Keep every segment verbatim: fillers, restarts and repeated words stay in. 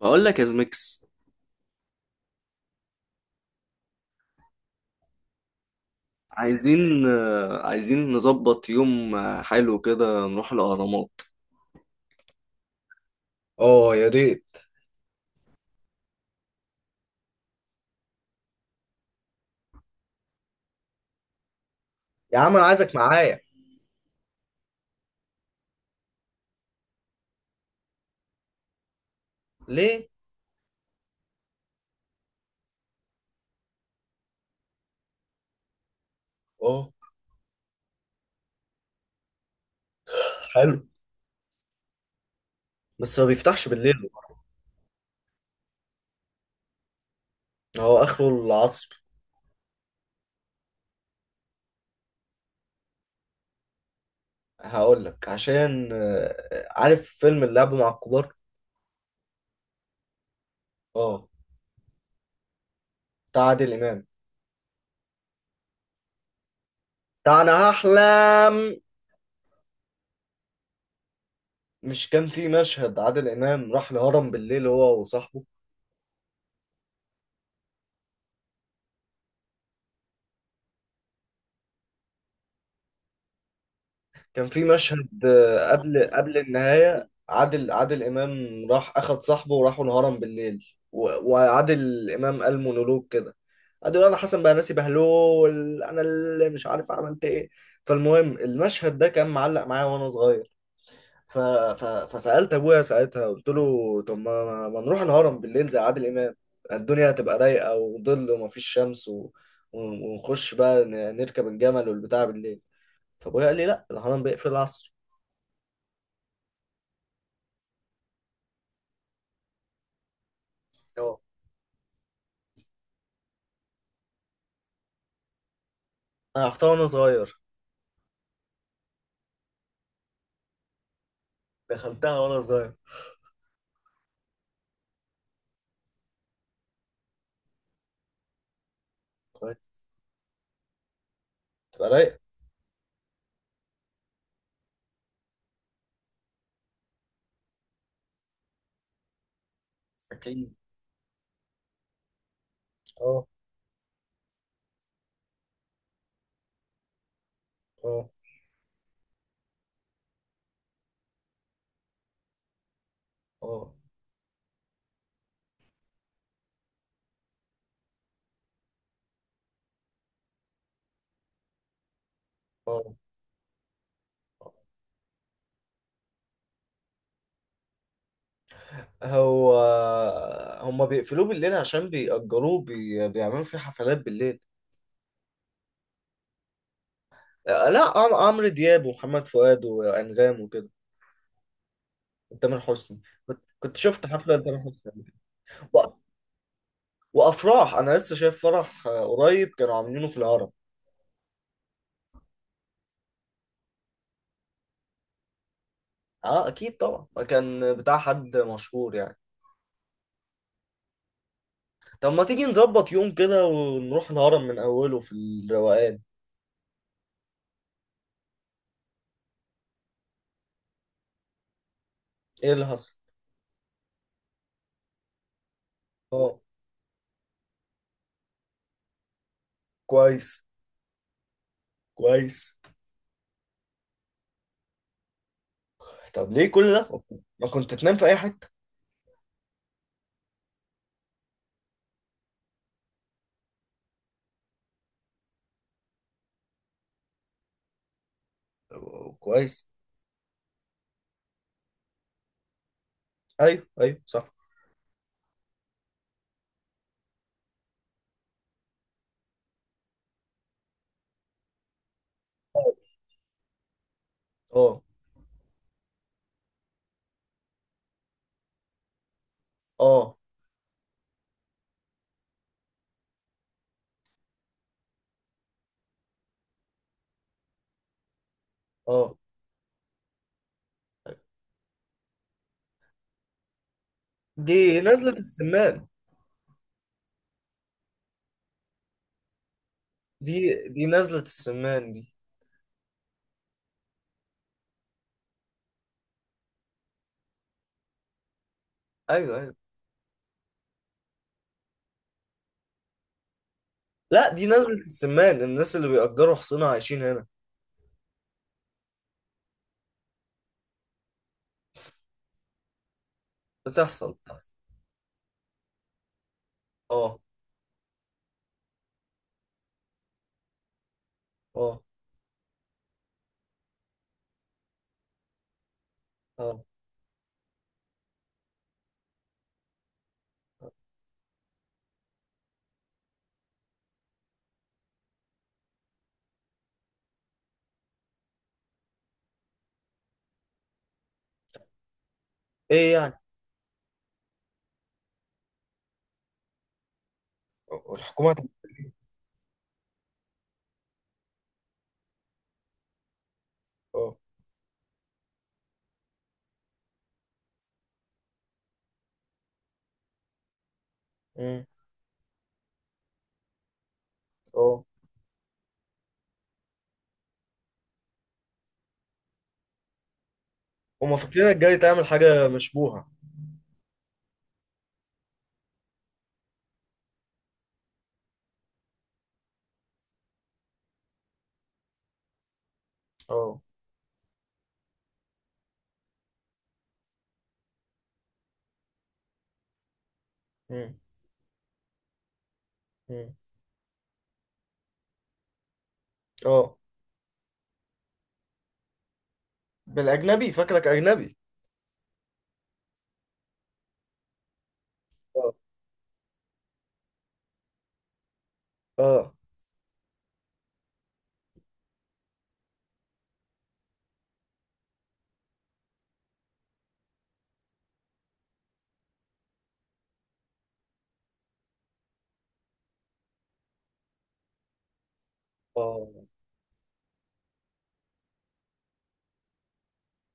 بقول لك يا زميكس. عايزين آه، عايزين نظبط يوم، آه، حلو كده نروح الأهرامات. اه، يا ريت. يا عم، انا عايزك معايا. ليه؟ اه. حلو. بس ما بيفتحش بالليل. هو اخره العصر. هقول لك عشان، آه، عارف فيلم اللعب مع الكبار؟ اه. بتاع عادل امام. بتاع انا هحلم. مش كان في مشهد عادل امام راح الهرم بالليل هو وصاحبه؟ كان في مشهد، آه، قبل قبل النهاية، عادل عادل إمام راح أخد صاحبه وراحوا الهرم بالليل. و- وعادل إمام قال مونولوج كده، قعد يقول: أنا حسن بقى ناسي بهلول، أنا اللي مش عارف عملت إيه. فالمهم، المشهد ده كان معلق معايا وأنا صغير. ف... ف... فسألت أبويا ساعتها، قلت له: طب ما... ما ما نروح الهرم بالليل زي عادل إمام، الدنيا هتبقى رايقة وظل ومفيش شمس، و... ونخش بقى ن- نركب الجمل والبتاع بالليل. فأبويا قال لي: لأ، الهرم بيقفل العصر. اه. انا رحتها وانا صغير. دخلتها وانا صغير. كويس. تبقى رايق. اكيد. اه، اه، اه، اه. هو، هما بيقفلوه بالليل عشان بيأجروه، بي... بيعملوا فيه حفلات بالليل. آه، لا، عم- عمرو دياب ومحمد فؤاد وأنغام وكده. وتامر حسني. كنت كنت شفت حفلة لتامر حسني. و... وأفراح، أنا لسه شايف فرح آه، قريب كانوا عاملينه في الهرم. اه، اكيد طبعا كان بتاع حد مشهور يعني. طب ما تيجي نظبط يوم كده ونروح الهرم من أوله في الروقان. إيه اللي حصل؟ اه. كويس. كويس. طب ليه كل ده؟ ما كنت تنام في أي حتة. كويس. أيوه، أيوه، صح. اه، اه، اه. دي نزلة السمان. دي دي نزلة السمان دي. ايوه، ايوه. لا، دي نزلة السمان، الناس اللي بيأجروا حصنة عايشين هنا. بتحصل، بتحصل. اه، اه، اه. ايه يعني. الحكومة. اه. مم. اه. هما فاكرينك جاي تعمل حاجة مشبوهة. اه. مم. مم. اه. بالاجنبي فاكرك اجنبي. اه، اه، اه.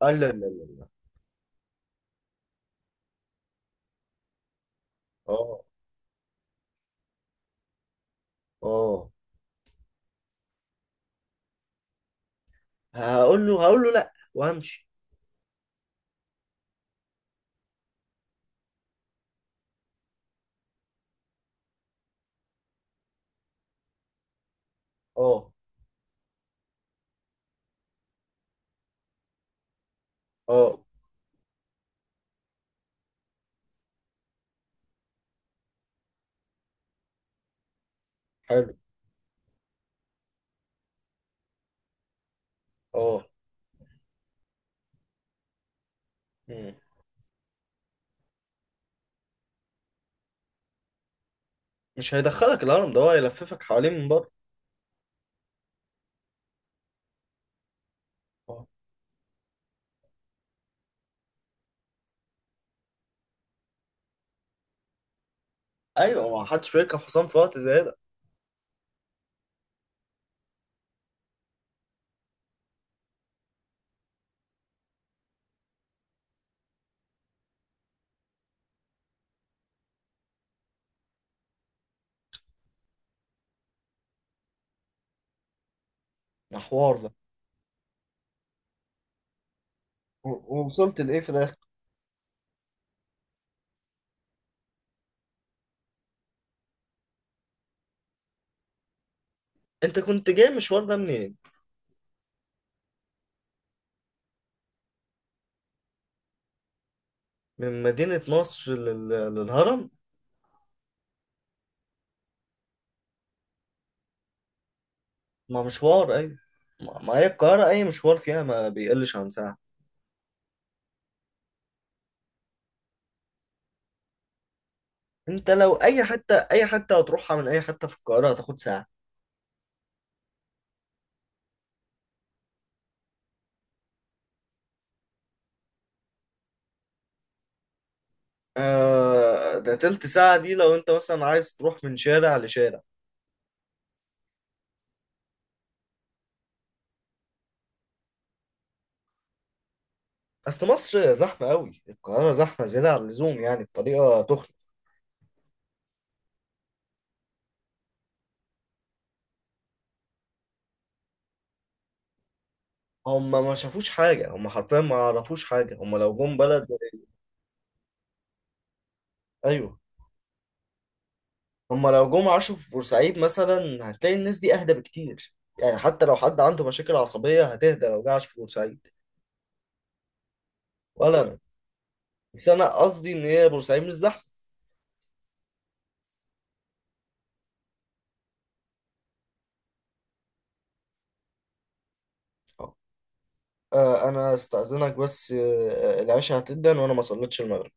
قال: لا، لا، لا، لا. اه، اه. هقول له هقول له: لا، وهمشي. اه، اه. حلو. اه. مم. مش هيدخلك الهرم ده، هو هيلففك حواليه من بره. اه. ايوه، ما حدش بيركب حصان في وقت زي ده. ده حوار ده. و- ووصلت لإيه في الآخر؟ انت كنت جاي مشوار ده منين؟ من مدينة نصر لل... للهرم. ما مشوار، ايوه. ما ما هي القاهرة، أي مشوار فيها ما بيقلش عن ساعة. أنت لو أي حتة أي حتة هتروحها من أي حتة في القاهرة هتاخد ساعة. آه ده تلت ساعة دي لو أنت مثلا عايز تروح من شارع لشارع. أصل مصر زحمة أوي، القاهرة زحمة زيادة عن اللزوم، يعني بطريقة تخنق. هما ما شافوش حاجة، هما حرفيا ما يعرفوش حاجة، هما لو جم بلد زي. أيوه. هما لو جم عاشوا في بورسعيد مثلا هتلاقي الناس دي أهدى بكتير. يعني حتى لو حد عنده مشاكل عصبية هتهدى لو جه عاش في بورسعيد. ولا. بس انا قصدي ان هي بورسعيد مش زحمه. آه، انا استاذنك بس، آه، العشاء هتدن وانا ما صليتش المغرب.